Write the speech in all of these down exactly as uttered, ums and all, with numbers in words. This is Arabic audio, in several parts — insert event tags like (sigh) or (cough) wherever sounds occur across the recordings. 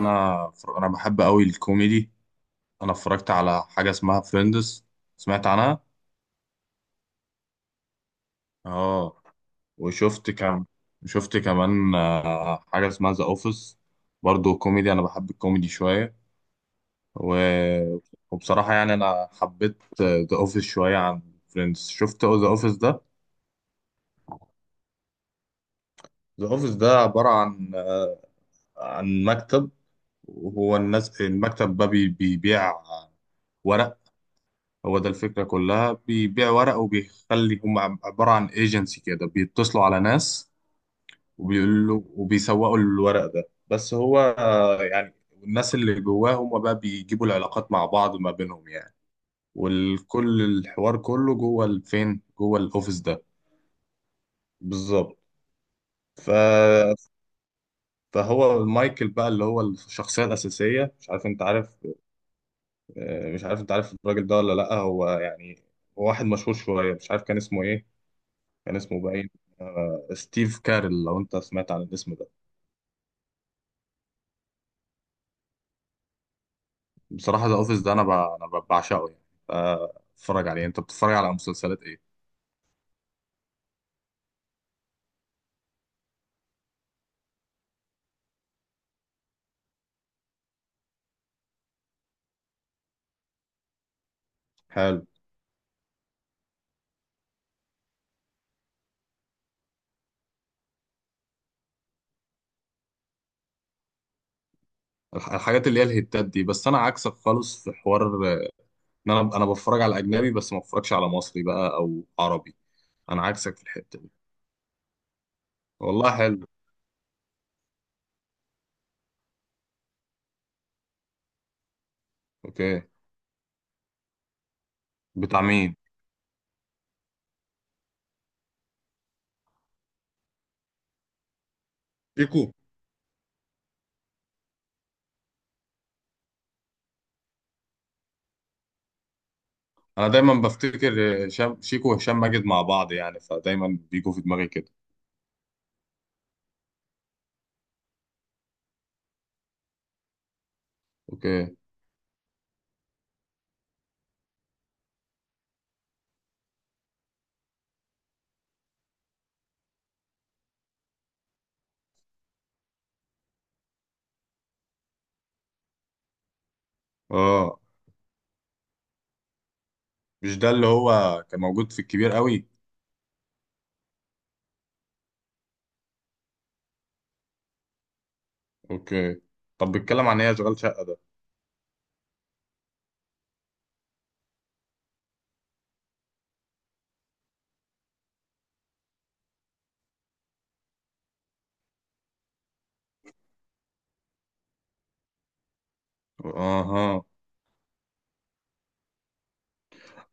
انا انا بحب قوي الكوميدي. انا اتفرجت على حاجه اسمها فريندز. سمعت عنها. اه. وشفت كم شفت كمان آه، حاجه اسمها ذا اوفيس. برضو كوميدي، انا بحب الكوميدي شويه. و... وبصراحه يعني انا حبيت ذا اوفيس شويه عن فريندز. شفت ذا اوفيس ده. ذا اوفيس ده عباره عن آه، عن مكتب. وهو الناس المكتب ده بي- بيبيع ورق. هو ده الفكرة كلها، بيبيع ورق وبيخلي هم عب- عبارة عن ايجنسي كده، بيتصلوا على ناس وبيقولوا وبيسوقوا الورق ده. بس هو آه، يعني الناس اللي جواه هم بقى بيجيبوا العلاقات مع بعض ما بينهم يعني. والكل الحوار كله جوه الفين، جوه الاوفيس ده. بالظبط. ف... فهو مايكل بقى اللي هو الشخصية الأساسية، مش عارف انت عارف. آه، مش عارف انت عارف الراجل ده ولا لأ. هو يعني هو واحد مشهور شوية، مش عارف كان اسمه ايه. كان اسمه باين آه، ستيف كارل، لو انت سمعت عن الاسم ده. بصراحة ذا اوفيس ده انا ب... انا ب- بعشقه يعني. آه، اتفرج عليه. انت بتتفرج على مسلسلات ايه؟ حلو. الح- الحاجات اللي هي الهيتات دي. بس انا عكسك خالص في حوار، آه، ان انا انا بتفرج على اجنبي بس ما بتفرجش على مصري بقى او عربي. انا عكسك في الحتة دي. والله حلو. اوكي. بتاع مين؟ شيكو. انا دايما بفتكر آه، هشام شيكو وهشام ماجد مع بعض يعني، فدايما بيجوا في دماغي كده. اوكي. اه. مش ده اللي هو كان موجود في الكبير قوي؟ اوكي. طب بيتكلم عن ايه اشغال شقه ده؟ اها.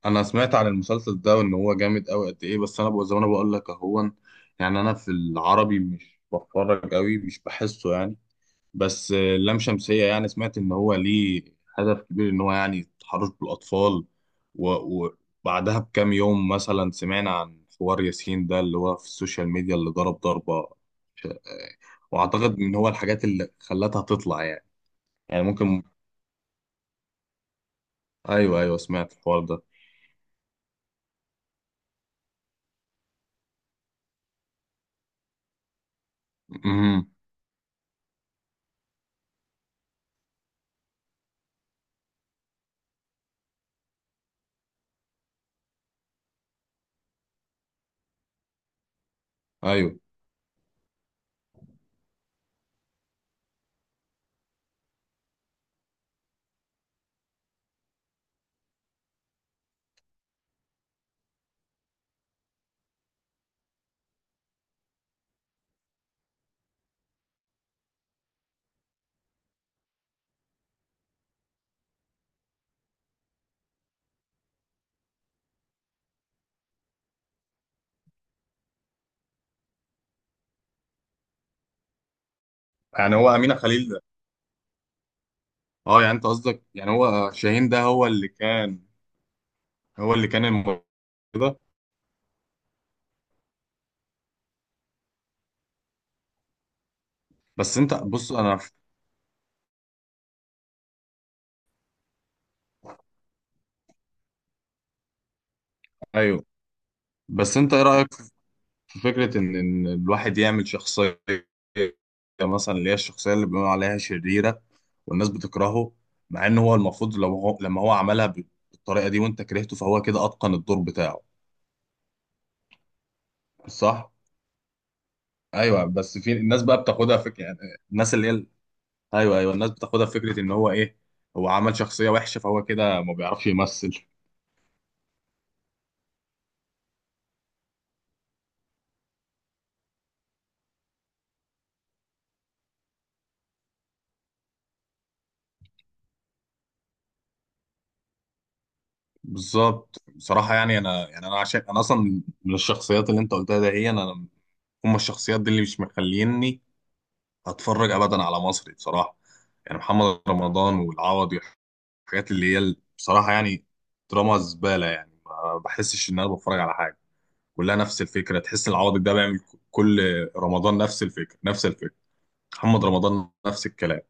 انا سمعت عن المسلسل ده وان هو جامد قوي قد ايه، بس انا بقول زي ما انا بقول لك اهون. يعني انا في العربي مش بتفرج قوي، مش بحسه يعني. بس آه، لام شمسية يعني سمعت ان هو ليه هدف كبير ان هو يعني التحرش بالاطفال. و- وبعدها بكام يوم مثلا سمعنا عن حوار ياسين ده اللي هو في السوشيال ميديا، اللي ضرب ضربة ش- آه، واعتقد ان هو الحاجات اللي خلتها تطلع يعني. يعني ممكن. ايوه، ايوه، سمعت الحوار ده. امم. ايوه، يعني هو امينه خليل ده؟ اه يعني انت قصدك يعني هو شاهين ده هو اللي كان. هو اللي كان الموضوع ده. بس انت بص انا. ايوه. بس انت ايه رايك في فكره ان ان الواحد يعمل شخصيه مثلا اللي هي الشخصيه اللي بيقولوا عليها شريره والناس بتكرهه؟ مع ان هو المفروض لو هو لما هو عملها بالطريقه دي وانت كرهته، فهو كده اتقن الدور بتاعه. صح. ايوه، بس في الناس بقى بتاخدها فكره يعني. الناس اللي هي، ايوه، ايوه، الناس بتاخدها في فكره ان هو ايه، هو عمل شخصيه وحشه فهو كده ما بيعرفش يمثل. بالظبط. بصراحه يعني انا، يعني انا عشان انا اصلا من الشخصيات اللي انت قلتها ده هي انا. هم الشخصيات دي اللي مش مخليني اتفرج ابدا على مصري بصراحه. يعني محمد رمضان والعوضي، الحاجات اللي هي ال- بصراحه يعني دراما زباله. يعني ما بحسش ان انا بتفرج على حاجه. كلها نفس الفكره. تحس العوضي ده بيعمل كل رمضان نفس الفكره، نفس الفكره. محمد رمضان نفس الكلام.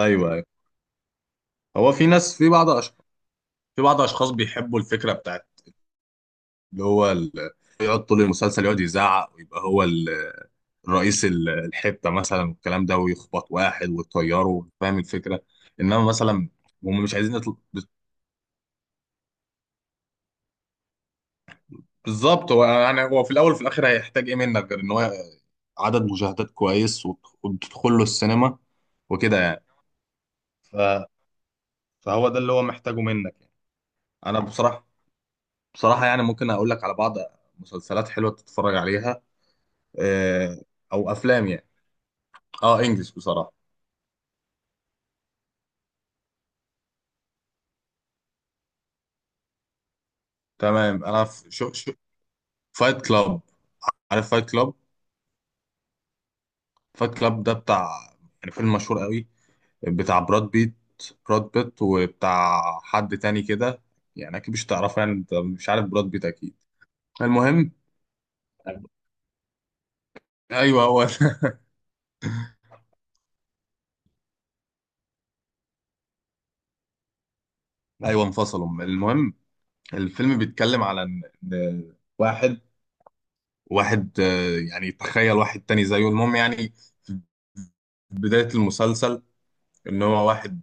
ايوه، أيوة. هو في ناس، في بعض أشخاص، في بعض أشخاص بيحبوا الفكرة بتاعت اللي هو ال... يقعد طول المسلسل يقعد يزعق ويبقى هو ال... رئيس ال- الحتة مثلا والكلام ده، ويخبط واحد ويطيره، فاهم الفكرة. إنما مثلا هم مش عايزين يطل... بالظبط. هو يعني هو في الأول وفي الآخر هيحتاج إيه منك غير إن هو عدد مشاهدات كويس وت- وتدخل له السينما وكده يعني. ف... فهو ده اللي هو محتاجه منك يعني. أنا بصراحة، بصراحة يعني ممكن أقول لك على بعض مسلسلات حلوة تتفرج عليها. آه، او افلام يعني. اه، انجلش بصراحه. تمام. انا في شو، شو فايت كلاب. عارف فايت كلاب؟ فايت كلاب ده بتاع يعني فيلم مشهور قوي، بتاع براد بيت. براد بيت وبتاع حد تاني كده. يعني اكيد مش تعرفه، يعني انت مش عارف براد بيت اكيد. المهم. ايوه هو ده. (laughs) ايوه انفصلوا. المهم الفيلم بيتكلم على ان إن واحد واحد آه، يعني تخيل واحد تاني زيه. المهم يعني في بداية المسلسل ان هو واحد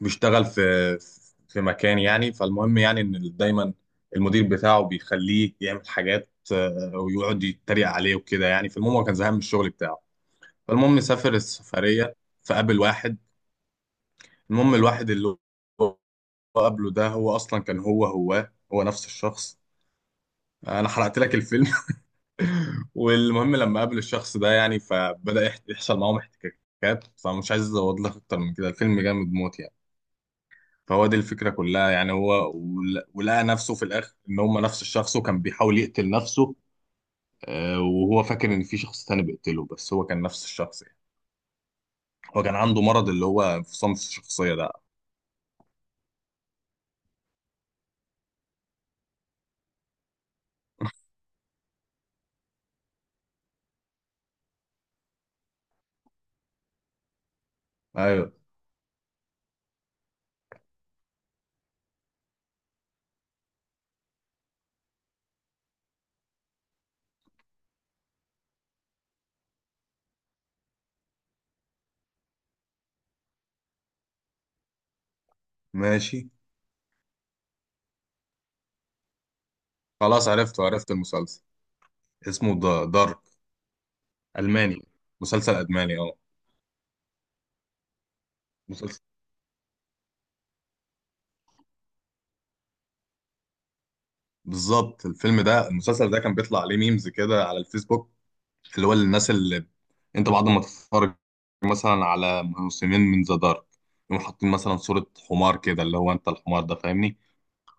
بيشتغل في في مكان يعني، فالمهم يعني ان ال- دايما المدير بتاعه بيخليه يعمل حاجات آه، ويقعد يتريق عليه وكده يعني. فالمهم هو كان زهقان من الشغل بتاعه. فالمهم سافر السفرية، فقابل واحد. المهم الواحد اللي هو قابله ده هو اصلا كان هو هو هو نفس الشخص. انا حرقت لك الفيلم. (laughs) والمهم لما قابل الشخص ده يعني، فبدأ يحت- يحصل معاهم احتكاكات، فمش عايز ازود لك اكتر من كده. الفيلم جامد موت يعني. فهو دي الفكرة كلها يعني. هو ول- ولقى نفسه في الآخر إن هم نفس الشخص، وكان بيحاول يقتل نفسه آه، وهو فاكر إن في شخص تاني بيقتله، بس هو كان نفس الشخص يعني. هو كان عنده مرض اللي هو انفصام في الشخصية ده. أيوه. ماشي. خلاص عرفته، عرفت المسلسل. اسمه دا- دارك. ألماني، مسلسل ألماني أه. مسلسل بالظبط. الفيلم ده المسلسل ده كان بيطلع عليه ميمز كده على الفيسبوك، اللي هو الناس اللي انت بعد ما تتفرج مثلا على موسمين من ذا دارك، يقوم حاطين مثلا صورة حمار كده اللي هو انت الحمار ده، فاهمني؟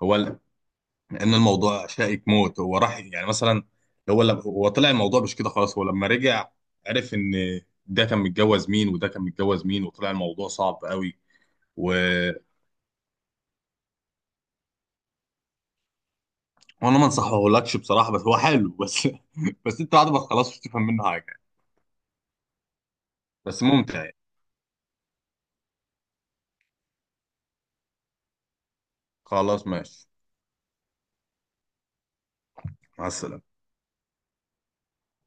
هو ال- لان الموضوع شائك موت. هو راح يعني مثلا، هو لما هو طلع الموضوع مش كده خلاص. هو لما رجع عرف ان ده كان متجوز مين وده كان متجوز مين، وطلع الموضوع صعب قوي. و... وانا ما انصحهولكش بصراحة، بس هو حلو بس. (laughs) بس انت بعد ما تخلصه مش تفهم منه حاجة. بس ممتع يعني. خلاص ماشي. مع السلامة.